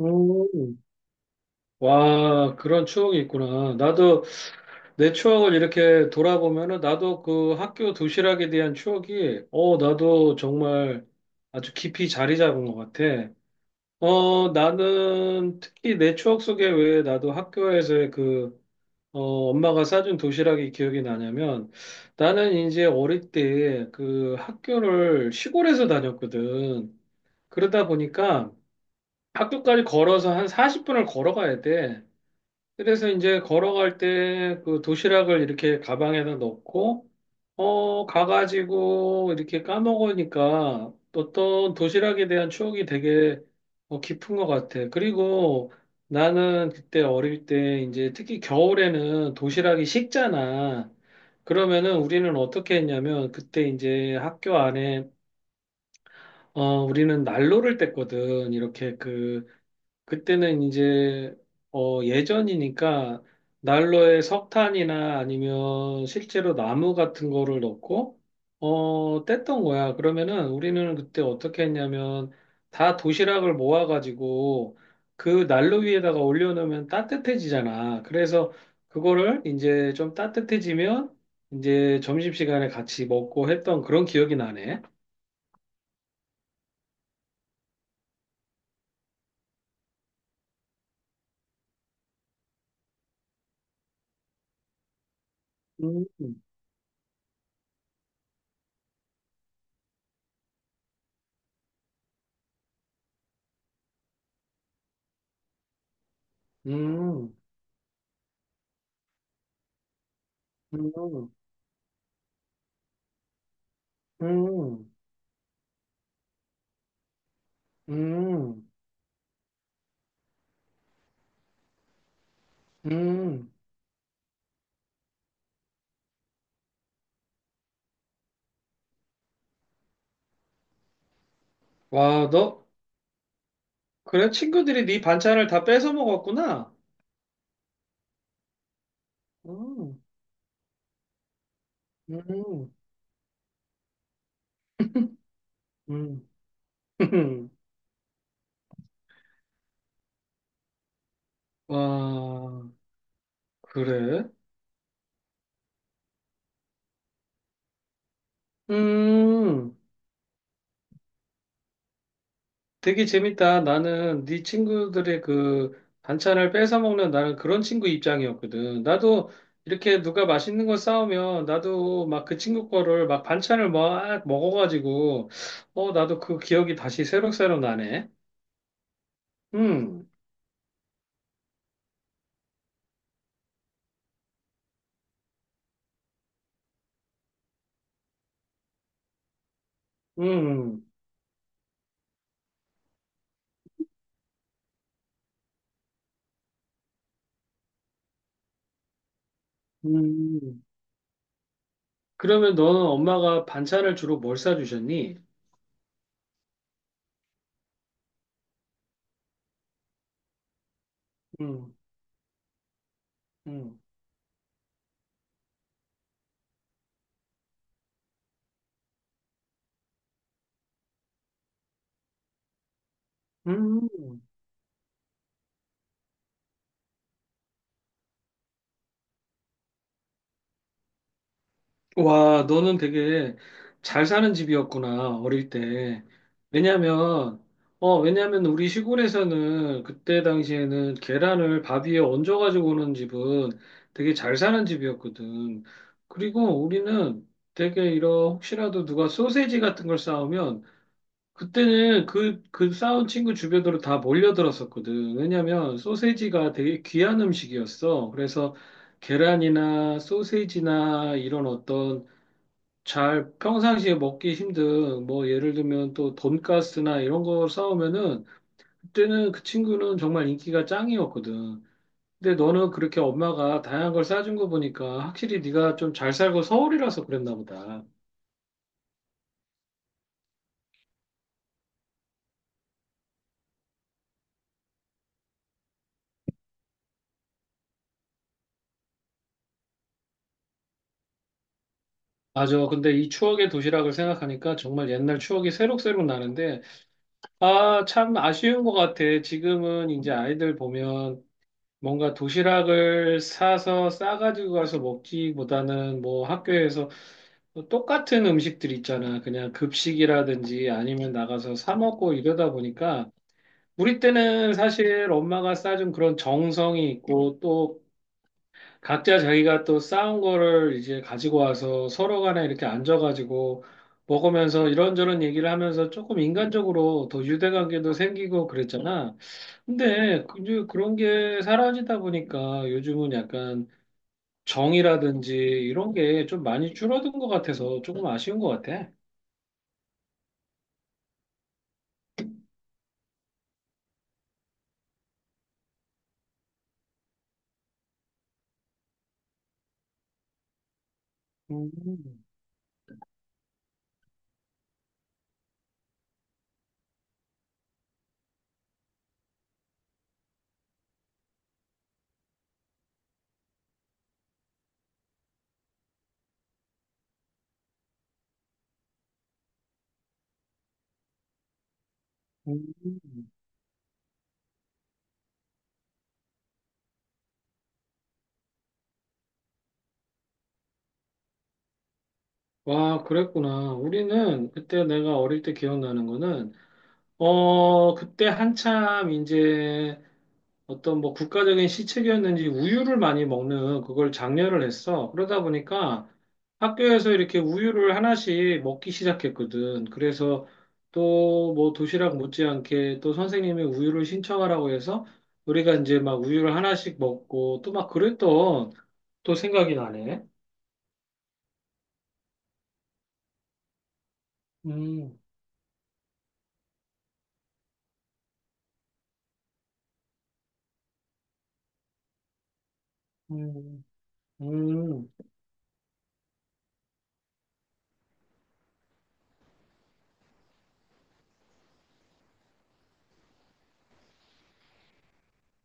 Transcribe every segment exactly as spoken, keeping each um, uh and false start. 음, 와, 그런 추억이 있구나. 나도 내 추억을 이렇게 돌아보면은 나도 그 학교 도시락에 대한 추억이, 어, 나도 정말 아주 깊이 자리 잡은 것 같아. 어, 나는 특히 내 추억 속에 왜 나도 학교에서의 그, 어, 엄마가 싸준 도시락이 기억이 나냐면 나는 이제 어릴 때 그 학교를 시골에서 다녔거든. 그러다 보니까 학교까지 걸어서 한 사십 분을 걸어가야 돼. 그래서 이제 걸어갈 때 그 도시락을 이렇게 가방에다 넣고, 어, 가가지고 이렇게 까먹으니까 어떤 도시락에 대한 추억이 되게 어, 깊은 것 같아. 그리고 나는 그때 어릴 때 이제 특히 겨울에는 도시락이 식잖아. 그러면은 우리는 어떻게 했냐면 그때 이제 학교 안에 어, 우리는 난로를 뗐거든. 이렇게 그 그때는 이제 어 예전이니까 난로에 석탄이나 아니면 실제로 나무 같은 거를 넣고 어 뗐던 거야. 그러면은 우리는 그때 어떻게 했냐면 다 도시락을 모아가지고 그 난로 위에다가 올려놓으면 따뜻해지잖아. 그래서 그거를 이제 좀 따뜻해지면 이제 점심시간에 같이 먹고 했던 그런 기억이 나네. 음, 음, 음, 음, 음. 음, 와, 너, 그래, 친구들이 네 반찬을 다 뺏어 먹었구나. 음, 음, 음. 와, 그래? 음, 되게 재밌다. 나는 네 친구들의 그 반찬을 뺏어 먹는 나는 그런 친구 입장이었거든. 나도 이렇게 누가 맛있는 거 싸우면 나도 막 그 친구 거를 막 반찬을 막 먹어가지고, 어, 나도 그 기억이 다시 새록새록 나네. 음, 음, 음. 그러면 너는 엄마가 반찬을 주로 뭘 싸주셨니? 음, 음. 음. 와, 너는 되게 잘 사는 집이었구나, 어릴 때. 왜냐면, 어, 왜냐면 우리 시골에서는 그때 당시에는 계란을 밥 위에 얹어가지고 오는 집은 되게 잘 사는 집이었거든. 그리고 우리는 되게 이런 혹시라도 누가 소세지 같은 걸 싸오면 그때는 그, 그 싸운 친구 주변으로 다 몰려들었었거든. 왜냐면 소세지가 되게 귀한 음식이었어. 그래서 계란이나 소세지나 이런 어떤 잘 평상시에 먹기 힘든 뭐 예를 들면 또 돈가스나 이런 거 싸우면은 그때는 그 친구는 정말 인기가 짱이었거든. 근데 너는 그렇게 엄마가 다양한 걸 싸준 거 보니까 확실히 네가 좀 잘 살고 서울이라서 그랬나 보다. 맞아. 근데 이 추억의 도시락을 생각하니까 정말 옛날 추억이 새록새록 나는데 아, 참 아쉬운 것 같아. 지금은 이제 아이들 보면 뭔가 도시락을 사서 싸가지고 가서 먹기보다는 뭐 학교에서 똑같은 음식들 있잖아. 그냥 급식이라든지 아니면 나가서 사 먹고 이러다 보니까 우리 때는 사실 엄마가 싸준 그런 정성이 있고 또 각자 자기가 또 싸운 거를 이제 가지고 와서 서로 간에 이렇게 앉아가지고 먹으면서 이런저런 얘기를 하면서 조금 인간적으로 더 유대관계도 생기고 그랬잖아. 근데 그- 이제 그런 게 사라지다 보니까 요즘은 약간 정이라든지 이런 게 좀 많이 줄어든 것 같아서 조금 아쉬운 것 같아. 음, 음. 와, 그랬구나. 우리는 그때 내가 어릴 때 기억나는 거는, 어, 그때 한참 이제 어떤 뭐 국가적인 시책이었는지 우유를 많이 먹는 그걸 장려를 했어. 그러다 보니까 학교에서 이렇게 우유를 하나씩 먹기 시작했거든. 그래서 또 뭐 도시락 못지않게 또 선생님이 우유를 신청하라고 해서 우리가 이제 막 우유를 하나씩 먹고 또 막 그랬던 또 생각이 나네. 음, 음, 음.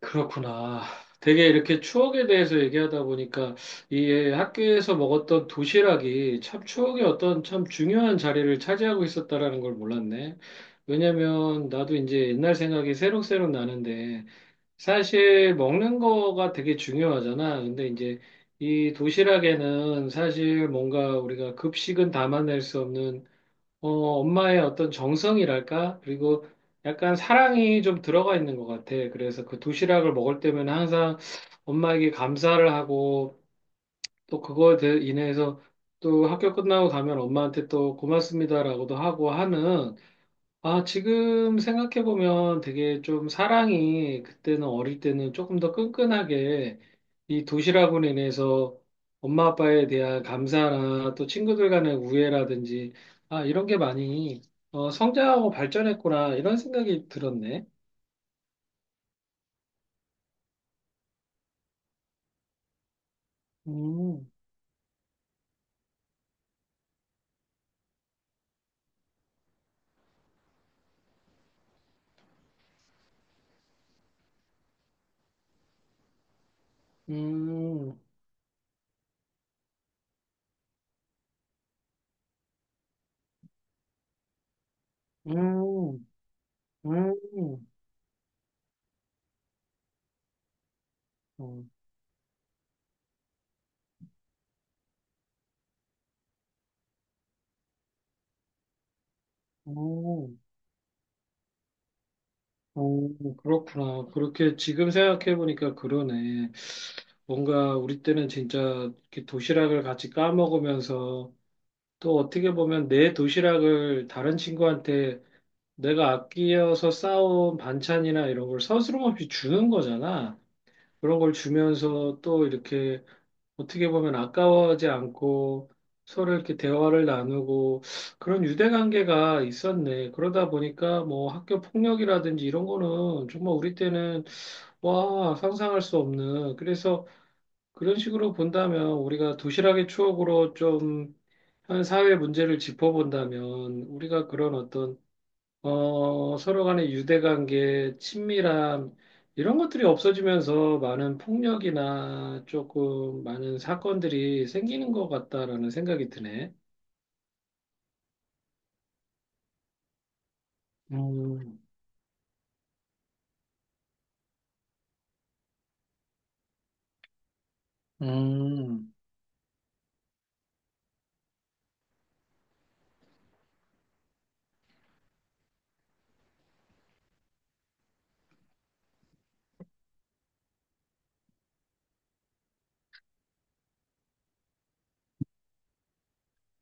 그렇구나. 되게 이렇게 추억에 대해서 얘기하다 보니까 이 학교에서 먹었던 도시락이 참 추억의 어떤 참 중요한 자리를 차지하고 있었다라는 걸 몰랐네. 왜냐면 나도 이제 옛날 생각이 새록새록 나는데 사실 먹는 거가 되게 중요하잖아. 근데 이제 이 도시락에는 사실 뭔가 우리가 급식은 담아낼 수 없는 어, 엄마의 어떤 정성이랄까? 그리고 약간 사랑이 좀 들어가 있는 것 같아. 그래서 그 도시락을 먹을 때면 항상 엄마에게 감사를 하고 또 그거에 대해 인해서 또 학교 끝나고 가면 엄마한테 또 고맙습니다라고도 하고 하는 아, 지금 생각해보면 되게 좀 사랑이 그때는 어릴 때는 조금 더 끈끈하게 이 도시락으로 인해서 엄마 아빠에 대한 감사나 또 친구들 간의 우애라든지 아, 이런 게 많이 어, 성장하고 발전했구나 이런 생각이 들었네. 음, 음, 음, 음, 음, 음. 어, 그렇구나. 그렇게 지금 생각해보니까 그러네. 뭔가 우리 때는 진짜 이렇게 도시락을 같이 까먹으면서 또 어떻게 보면 내 도시락을 다른 친구한테 내가 아끼어서 싸온 반찬이나 이런 걸 서스럼 없이 주는 거잖아. 그런 걸 주면서 또 이렇게 어떻게 보면 아까워하지 않고 서로 이렇게 대화를 나누고 그런 유대 관계가 있었네. 그러다 보니까 뭐 학교 폭력이라든지 이런 거는 정말 우리 때는 와, 상상할 수 없는. 그래서 그런 식으로 본다면 우리가 도시락의 추억으로 좀 한 사회 문제를 짚어본다면 우리가 그런 어떤 어, 서로 간의 유대관계, 친밀함, 이런 것들이 없어지면서 많은 폭력이나 조금 많은 사건들이 생기는 것 같다라는 생각이 드네. 음, 음,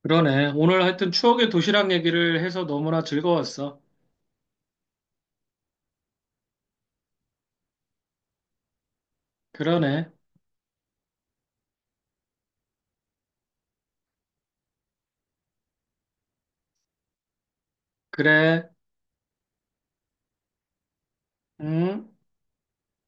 그러네. 오늘 하여튼 추억의 도시락 얘기를 해서 너무나 즐거웠어. 그러네. 그래. 음.